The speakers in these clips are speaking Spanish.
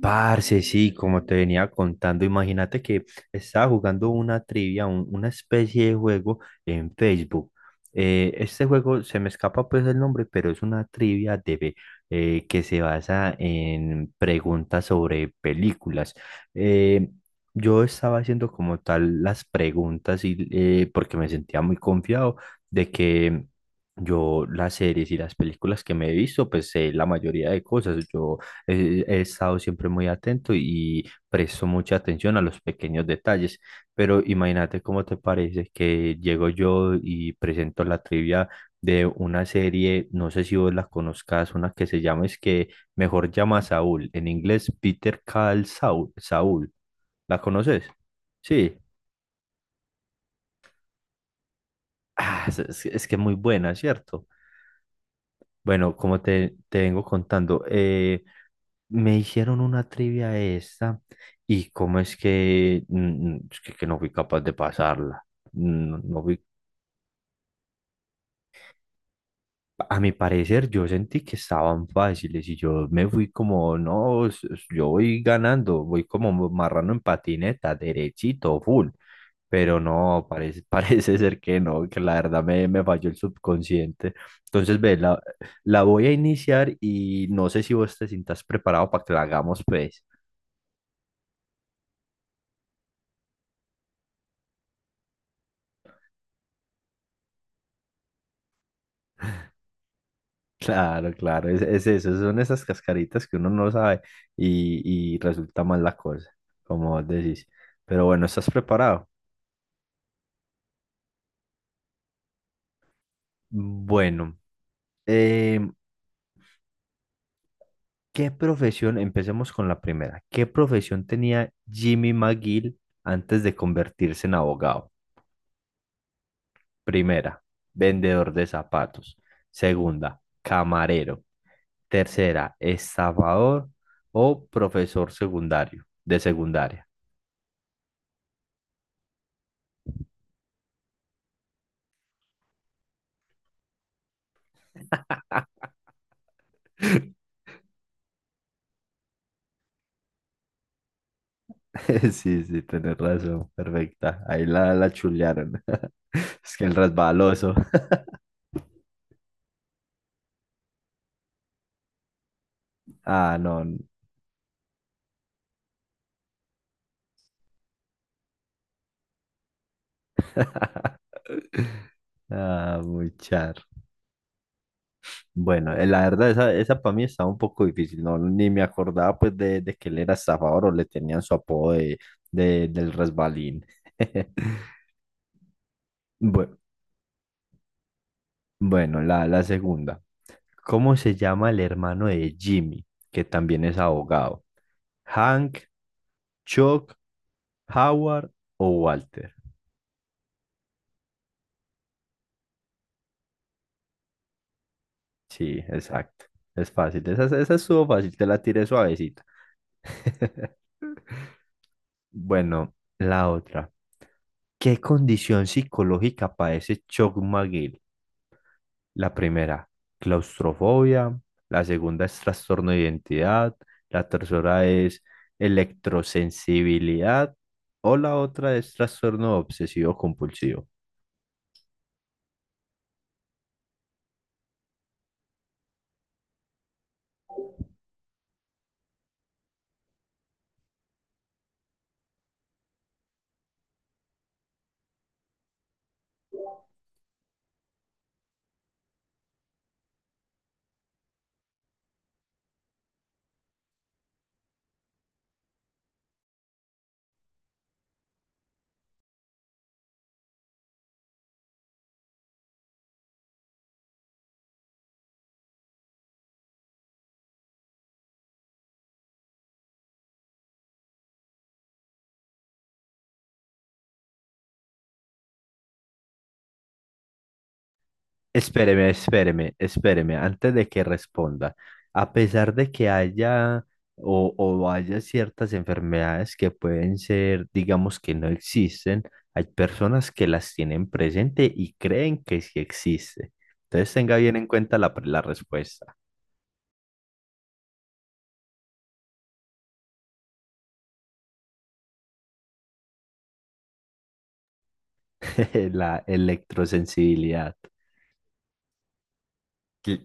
Parce, sí, como te venía contando, imagínate que estaba jugando una trivia, una especie de juego en Facebook. Este juego se me escapa pues el nombre, pero es una trivia que se basa en preguntas sobre películas. Eh, yo estaba haciendo como tal las preguntas porque me sentía muy confiado de que yo las series y las películas que me he visto, pues sé la mayoría de cosas. Yo he estado siempre muy atento y presto mucha atención a los pequeños detalles, pero imagínate cómo te parece que llego yo y presento la trivia de una serie, no sé si vos la conozcas, una que se llama, es que mejor llama a Saúl, en inglés Peter Call Saul, Saúl, ¿la conoces? Sí. Ah, es que es muy buena, ¿cierto? Bueno, como te vengo contando. Me hicieron una trivia esta y cómo es que, mm, mm, es que no fui capaz de pasarla. No, no fui- A mi parecer yo sentí que estaban fáciles y yo me fui como, no, yo voy ganando, voy como marrano en patineta, derechito, full. Pero no, parece, parece ser que no, que la verdad me falló el subconsciente. Entonces, ve, la voy a iniciar y no sé si vos te sientas preparado para que la hagamos, pues. Claro, claro, es eso, son esas cascaritas que uno no sabe y resulta mal la cosa, como vos decís. Pero bueno, ¿estás preparado? Bueno, em, ¿qué profesión? Empecemos con la primera. ¿Qué profesión tenía Jimmy McGill antes de convertirse en abogado? Primera, vendedor de zapatos. Segunda, camarero. Tercera, estafador o profesor secundario, de secundaria. Sí, sí, tenés razón, perfecta. Ahí la chulearon. Es que el resbaloso. Ah, no. Ah, muy char. Bueno, la verdad, esa para mí estaba un poco difícil. No, ni me acordaba pues de que él era estafador o le tenían su apodo de, del resbalín. Bue- Bueno, Bueno, la segunda. ¿Cómo se llama el hermano de Jimmy, que también es abogado? ¿Hank, Chuck, Howard o Walter? Sí, exacto. Es fácil. Esa estuvo fácil, te la tiré suavecita. Bueno, la otra. ¿Qué condición psicológica padece Chuck McGill? La primera, claustrofobia. La segunda es trastorno de identidad. La tercera es electrosensibilidad. O la otra es trastorno obsesivo compulsivo. Espéreme, espéreme, espéreme, antes de que responda. A pesar de que haya o haya ciertas enfermedades que pueden ser, digamos, que no existen, hay personas que las tienen presente y creen que sí existe. Entonces tenga bien en cuenta la respuesta. La electrosensibilidad. ¿Qué,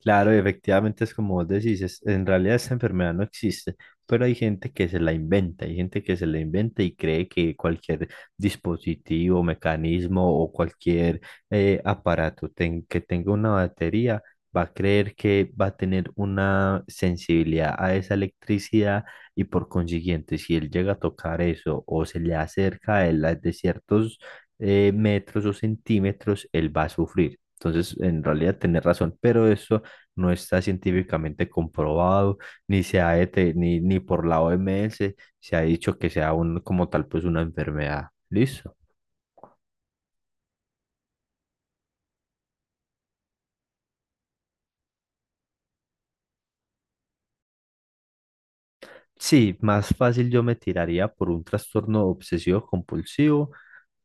Claro, efectivamente es como vos decís, en realidad esta enfermedad no existe, pero hay gente que se la inventa, hay gente que se la inventa y cree que cualquier dispositivo, mecanismo o cualquier aparato que tenga una batería va a creer que va a tener una sensibilidad a esa electricidad y por consiguiente si él llega a tocar eso o se le acerca a él de ciertos metros o centímetros, él va a sufrir. Entonces, en realidad tenés razón, pero eso no está científicamente comprobado, ni se ha ni por la OMS se ha dicho que sea un, como tal pues una enfermedad. Listo. Sí, más fácil yo me tiraría por un trastorno obsesivo compulsivo,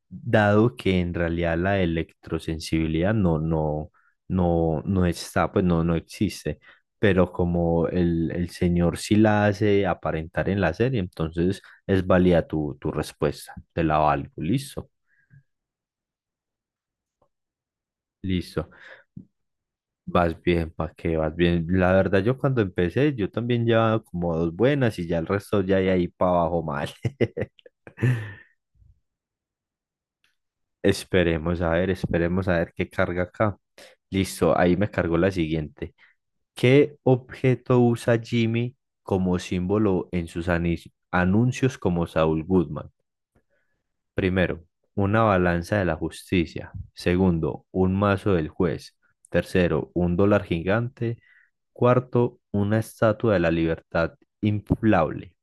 dado que en realidad la electrosensibilidad no está, pues no existe. Pero como el señor sí la hace aparentar en la serie, entonces es válida tu respuesta. Te la valgo. Listo. Listo. Vas bien, ¿para qué? Vas bien. La verdad, yo cuando empecé, yo también llevaba como dos buenas y ya el resto ya de ahí para abajo mal. Esperemos a ver qué carga acá. Listo, ahí me cargó la siguiente. ¿Qué objeto usa Jimmy como símbolo en sus anuncios como Saul Goodman? Primero, una balanza de la justicia. Segundo, un mazo del juez. Tercero, un dólar gigante. Cuarto, una estatua de la libertad inflable.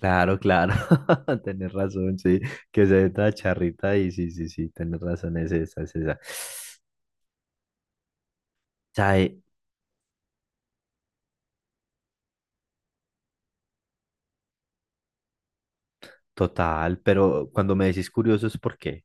Claro, claro, tenés razón, sí, que se ve toda charrita y sí, sí, sí, tenés razón, es esa, es esa. Sabe, total, pero cuando me decís curioso es por qué.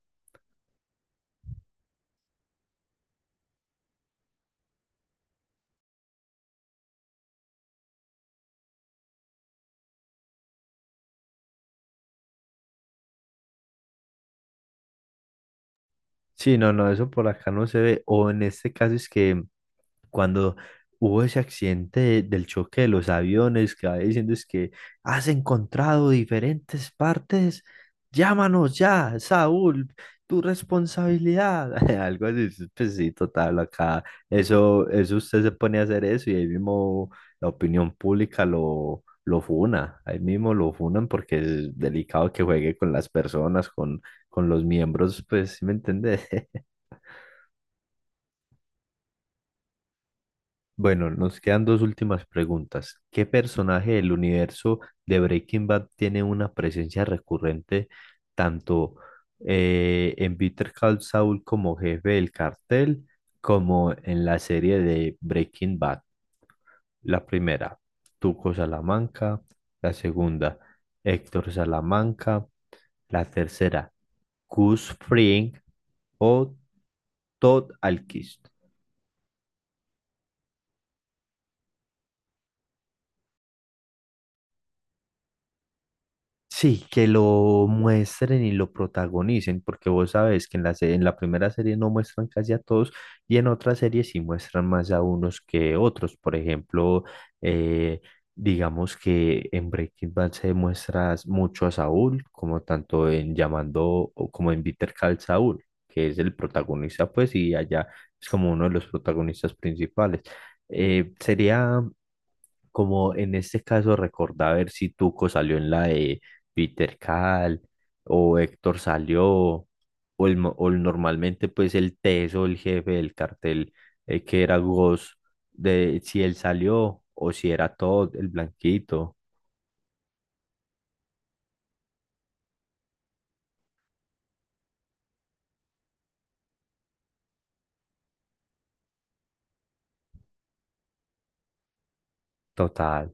Sí, no, no, eso por acá no se ve, o en este caso es que cuando hubo ese accidente del choque de los aviones, que va diciendo es que has encontrado diferentes partes, llámanos ya, Saúl, tu responsabilidad, algo así, sí, pues sí, total, acá, eso usted se pone a hacer eso y ahí mismo la opinión pública lo... Lo funa, ahí mismo lo funan porque es delicado que juegue con las personas, con los miembros, pues, ¿sí me entendés? Bueno, nos quedan dos últimas preguntas. ¿Qué personaje del universo de Breaking Bad tiene una presencia recurrente tanto en Better Call Saul como jefe del cartel, como en la serie de Breaking Bad? La primera, Tuco Salamanca. La segunda, Héctor Salamanca. La tercera, Gus Fring o Todd Alquist. Sí, que lo muestren y lo protagonicen, porque vos sabes que en en la primera serie no muestran casi a todos y en otras series sí muestran más a unos que otros. Por ejemplo, eh, digamos que en Breaking Bad se muestra mucho a Saúl, como tanto en Llamando o como en Bitter Call Saúl, que es el protagonista, pues, y allá es como uno de los protagonistas principales. Sería como en este caso, recordá a ver si Tuco salió en la de Peter Cal o Héctor salió, o, el, mo- o el- normalmente pues el teso, el jefe del cartel, que era Ghost, de si él salió o si era todo el blanquito, total.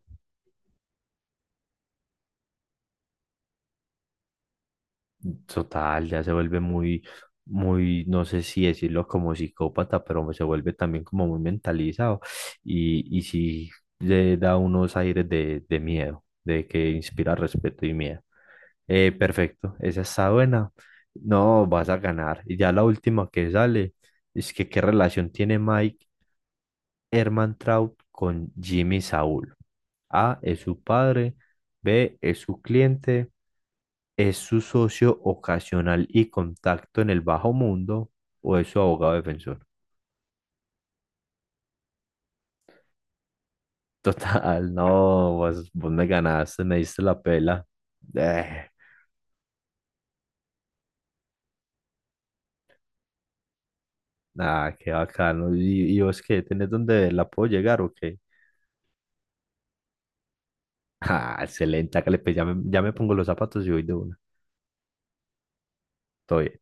Total, ya se vuelve muy, no sé si decirlo como psicópata, pero se vuelve también como muy mentalizado y sí le da unos aires de miedo, de que inspira respeto y miedo. Perfecto, esa está buena. No, vas a ganar. Y ya la última que sale es que qué relación tiene Mike Hermantraut con Jimmy Saúl. A es su padre, B es su cliente, es su socio ocasional y contacto en el bajo mundo o es su abogado defensor. Total, no, vos me ganaste, me diste la pela. Eh, Nada, qué bacano. Y vos qué? ¿Tenés dónde la puedo llegar o qué? Ah, excelente, hágale, pues ya me pongo los zapatos y voy de una. Todo bien.